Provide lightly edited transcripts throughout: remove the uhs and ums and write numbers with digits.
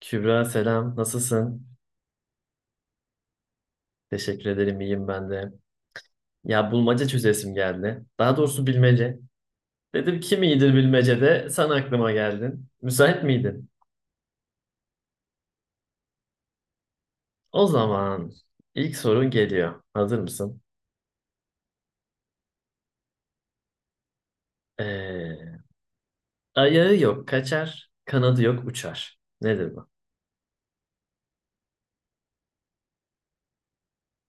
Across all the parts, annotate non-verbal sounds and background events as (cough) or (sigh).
Kübra selam, nasılsın? Teşekkür ederim, iyiyim ben de. Ya bulmaca çözesim geldi. Daha doğrusu bilmece. Dedim kim iyidir bilmecede sen aklıma geldin. Müsait miydin? O zaman ilk sorun geliyor. Hazır mısın? Ee, Ayağı yok kaçar, kanadı yok uçar. Nedir bu?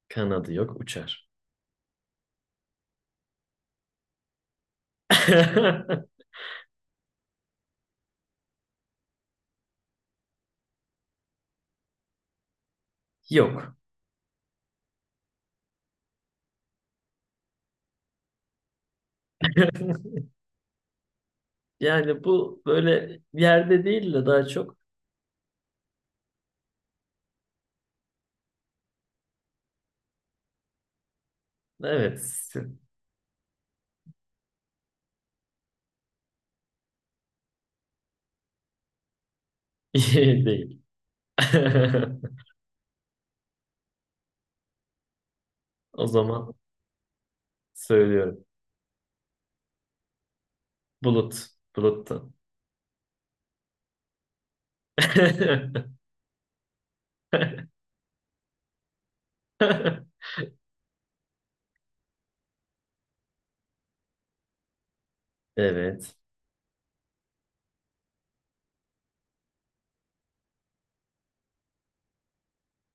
Kanadı yok uçar. (laughs) Yok. (laughs) Yani bu böyle yerde değil de daha çok evet. (laughs) Değil. (laughs) O zaman söylüyorum. Bulut. Buluttu. (laughs) Evet.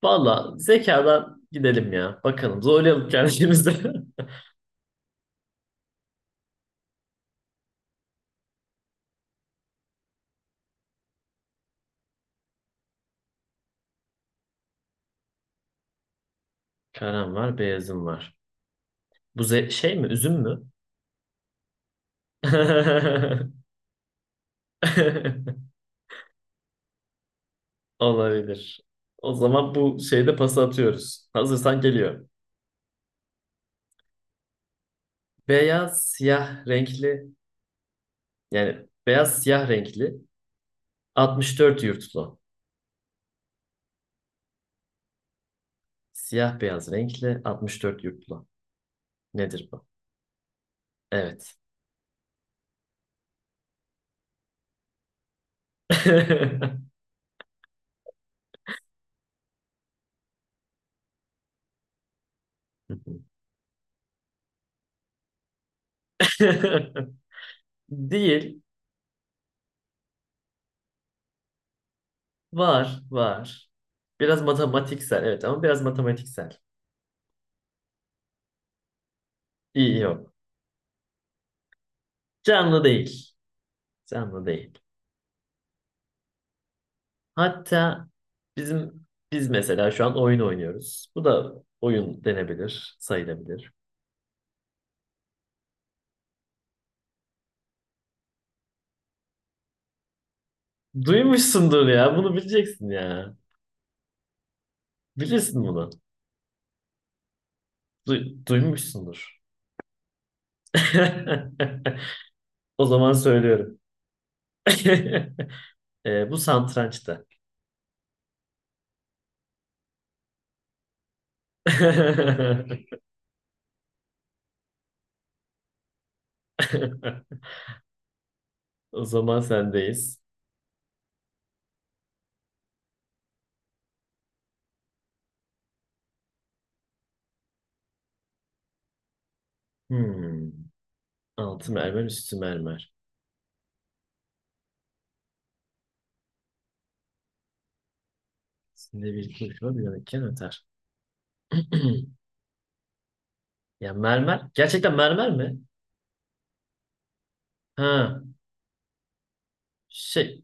Valla zekadan gidelim ya. Bakalım zorlayalım kendimizi. (laughs) Karam var, beyazım var. Bu şey mi, üzüm mü? (laughs) Olabilir. O zaman bu şeyde pas atıyoruz. Hazırsan geliyor. Beyaz, siyah renkli, yani beyaz siyah renkli 64 yurtlu. Siyah beyaz renkli 64 yurtlu. Nedir bu? Evet. (laughs) Değil. Var, var. Biraz matematiksel, evet ama biraz matematiksel. İyi yok. Canlı değil. Canlı değil. Hatta biz mesela şu an oyun oynuyoruz. Bu da oyun denebilir, sayılabilir. Duymuşsundur ya, bunu bileceksin ya. Bilirsin bunu. Duymuşsundur. (laughs) O zaman söylüyorum. (laughs) Bu satrançtı. (laughs) O zaman sendeyiz. Hmm. Altı mermer, üstü mermer. Üstünde bir kuş var, yanıkken öter. (clears throat) Ya mermer. Gerçekten mermer mi? Ha. Şey.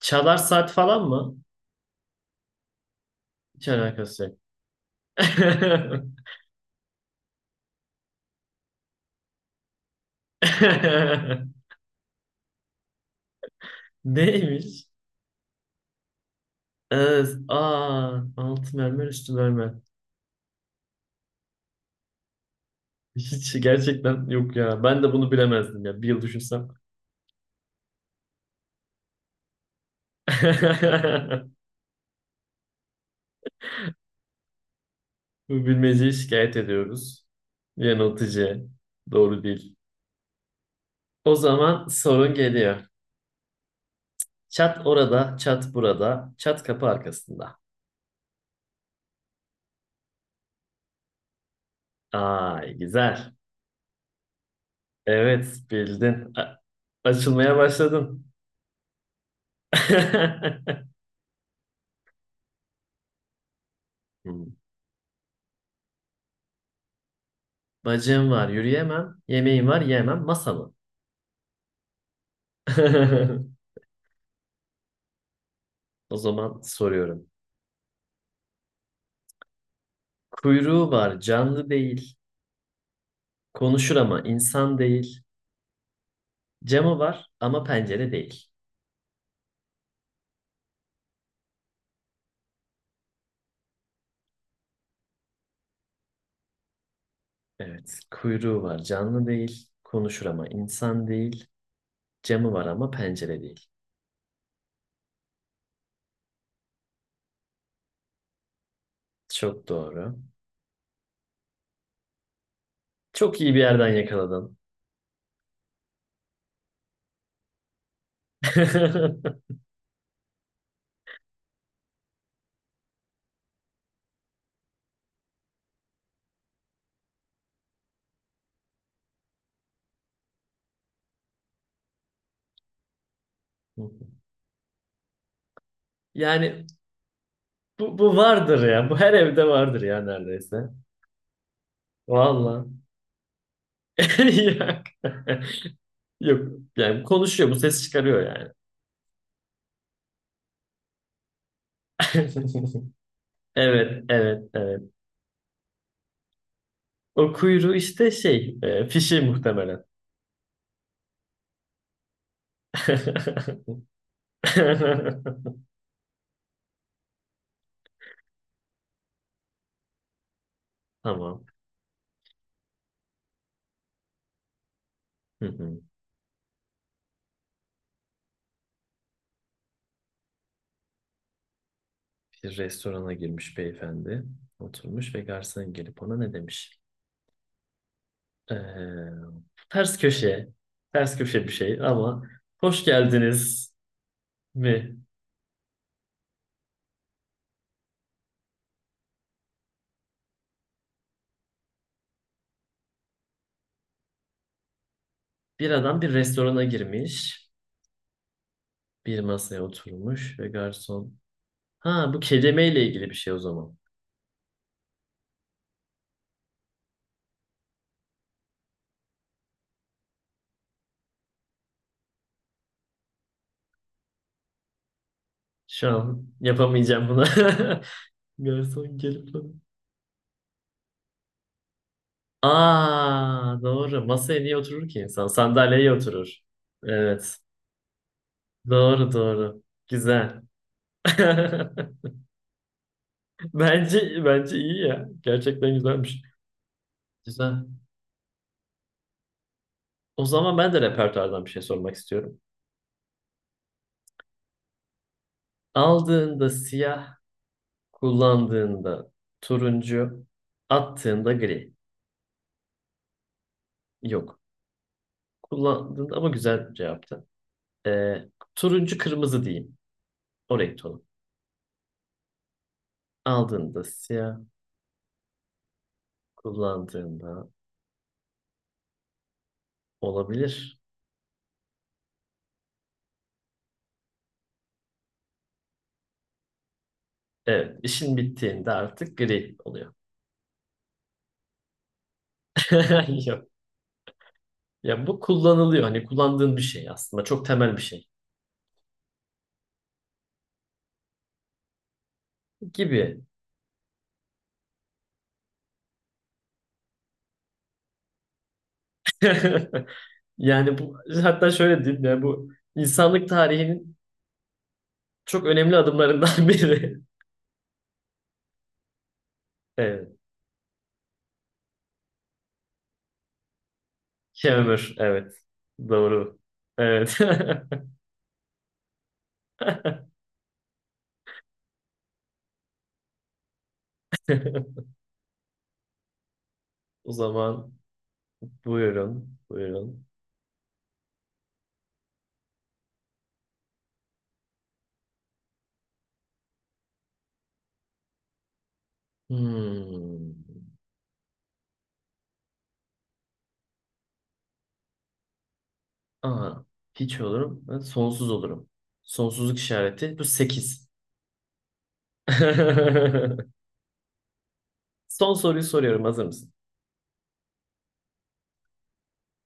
Çalar saat falan mı? Hiç alakası yok. (laughs) Neymiş? Evet. Aa, altı mermer, üstü mermer. Hiç gerçekten yok ya. Ben de bunu bilemezdim ya. Bir yıl düşünsem. (laughs) Bu bilmeceyi şikayet ediyoruz. Yanıltıcı. Doğru değil. O zaman sorun geliyor. Çat orada, çat burada, çat kapı arkasında. Ay güzel. Evet bildin. Açılmaya başladım. (laughs) Hmm. Bacağım var yürüyemem. Yemeğim var yemem. Masa mı? (laughs) O zaman soruyorum. Kuyruğu var canlı değil. Konuşur ama insan değil. Camı var ama pencere değil. Evet kuyruğu var canlı değil. Konuşur ama insan değil. Camı var ama pencere değil. Çok doğru. Çok iyi bir yerden yakaladın. (laughs) Yani bu vardır ya. Bu her evde vardır ya neredeyse. Valla. (laughs) Yok. Yok. Yani konuşuyor. Bu ses çıkarıyor yani. (laughs) Evet, evet, evet. O kuyruğu işte şey, fişi muhtemelen. (laughs) Tamam. Hı hı. Bir restorana girmiş beyefendi. Oturmuş ve garson gelip ona ne demiş? Ee, Ters köşe, ters köşe bir şey ama hoş geldiniz mi? Bir adam bir restorana girmiş, bir masaya oturmuş ve garson. Ha bu kelimeyle ilgili bir şey o zaman. Şu an yapamayacağım buna. (laughs) Garson gelip aa doğru. Masaya niye oturur ki insan? Sandalyeye oturur. Evet. Doğru doğru. Güzel. (laughs) Bence iyi ya. Gerçekten güzelmiş. Güzel. O zaman ben de repertuardan bir şey sormak istiyorum. Aldığında siyah, kullandığında turuncu, attığında gri. Yok. Kullandığında ama güzel cevaptı. Ee, Turuncu kırmızı diyeyim. O renk tonu. Aldığında siyah, kullandığında olabilir. Evet, işin bittiğinde artık gri oluyor. (laughs) Yok. Ya bu kullanılıyor. Hani kullandığın bir şey aslında. Çok temel bir şey. Gibi. (laughs) Yani bu, hatta şöyle diyeyim ya, bu insanlık tarihinin çok önemli adımlarından (laughs) biri. Evet. Kemür. Evet. Doğru. Evet. (laughs) O zaman buyurun. Buyurun. Hmm. Aa, hiç olurum. Ben sonsuz olurum. Sonsuzluk işareti. Bu 8. (laughs) Son soruyu soruyorum. Hazır mısın?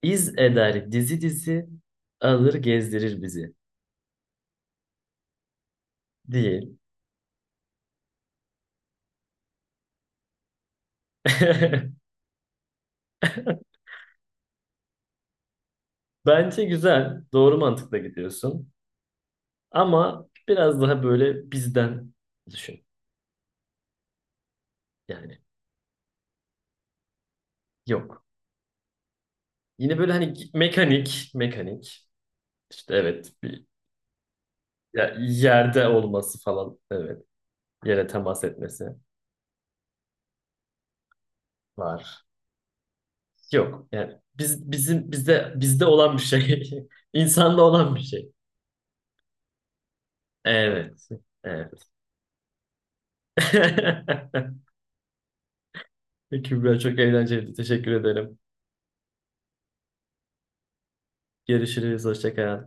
İz eder dizi dizi alır gezdirir bizi. Değil. (laughs) Bence güzel. Doğru mantıkla gidiyorsun. Ama biraz daha böyle bizden düşün. Yani yok. Yine böyle hani mekanik, mekanik. İşte evet bir yerde olması falan. Evet. Yere temas etmesi var. Yok. Yani bizim bizde olan bir şey. (laughs) İnsanda olan bir şey. Evet. Evet. (laughs) Kübra çok eğlenceliydi. Teşekkür ederim. Görüşürüz. Hoşça kal.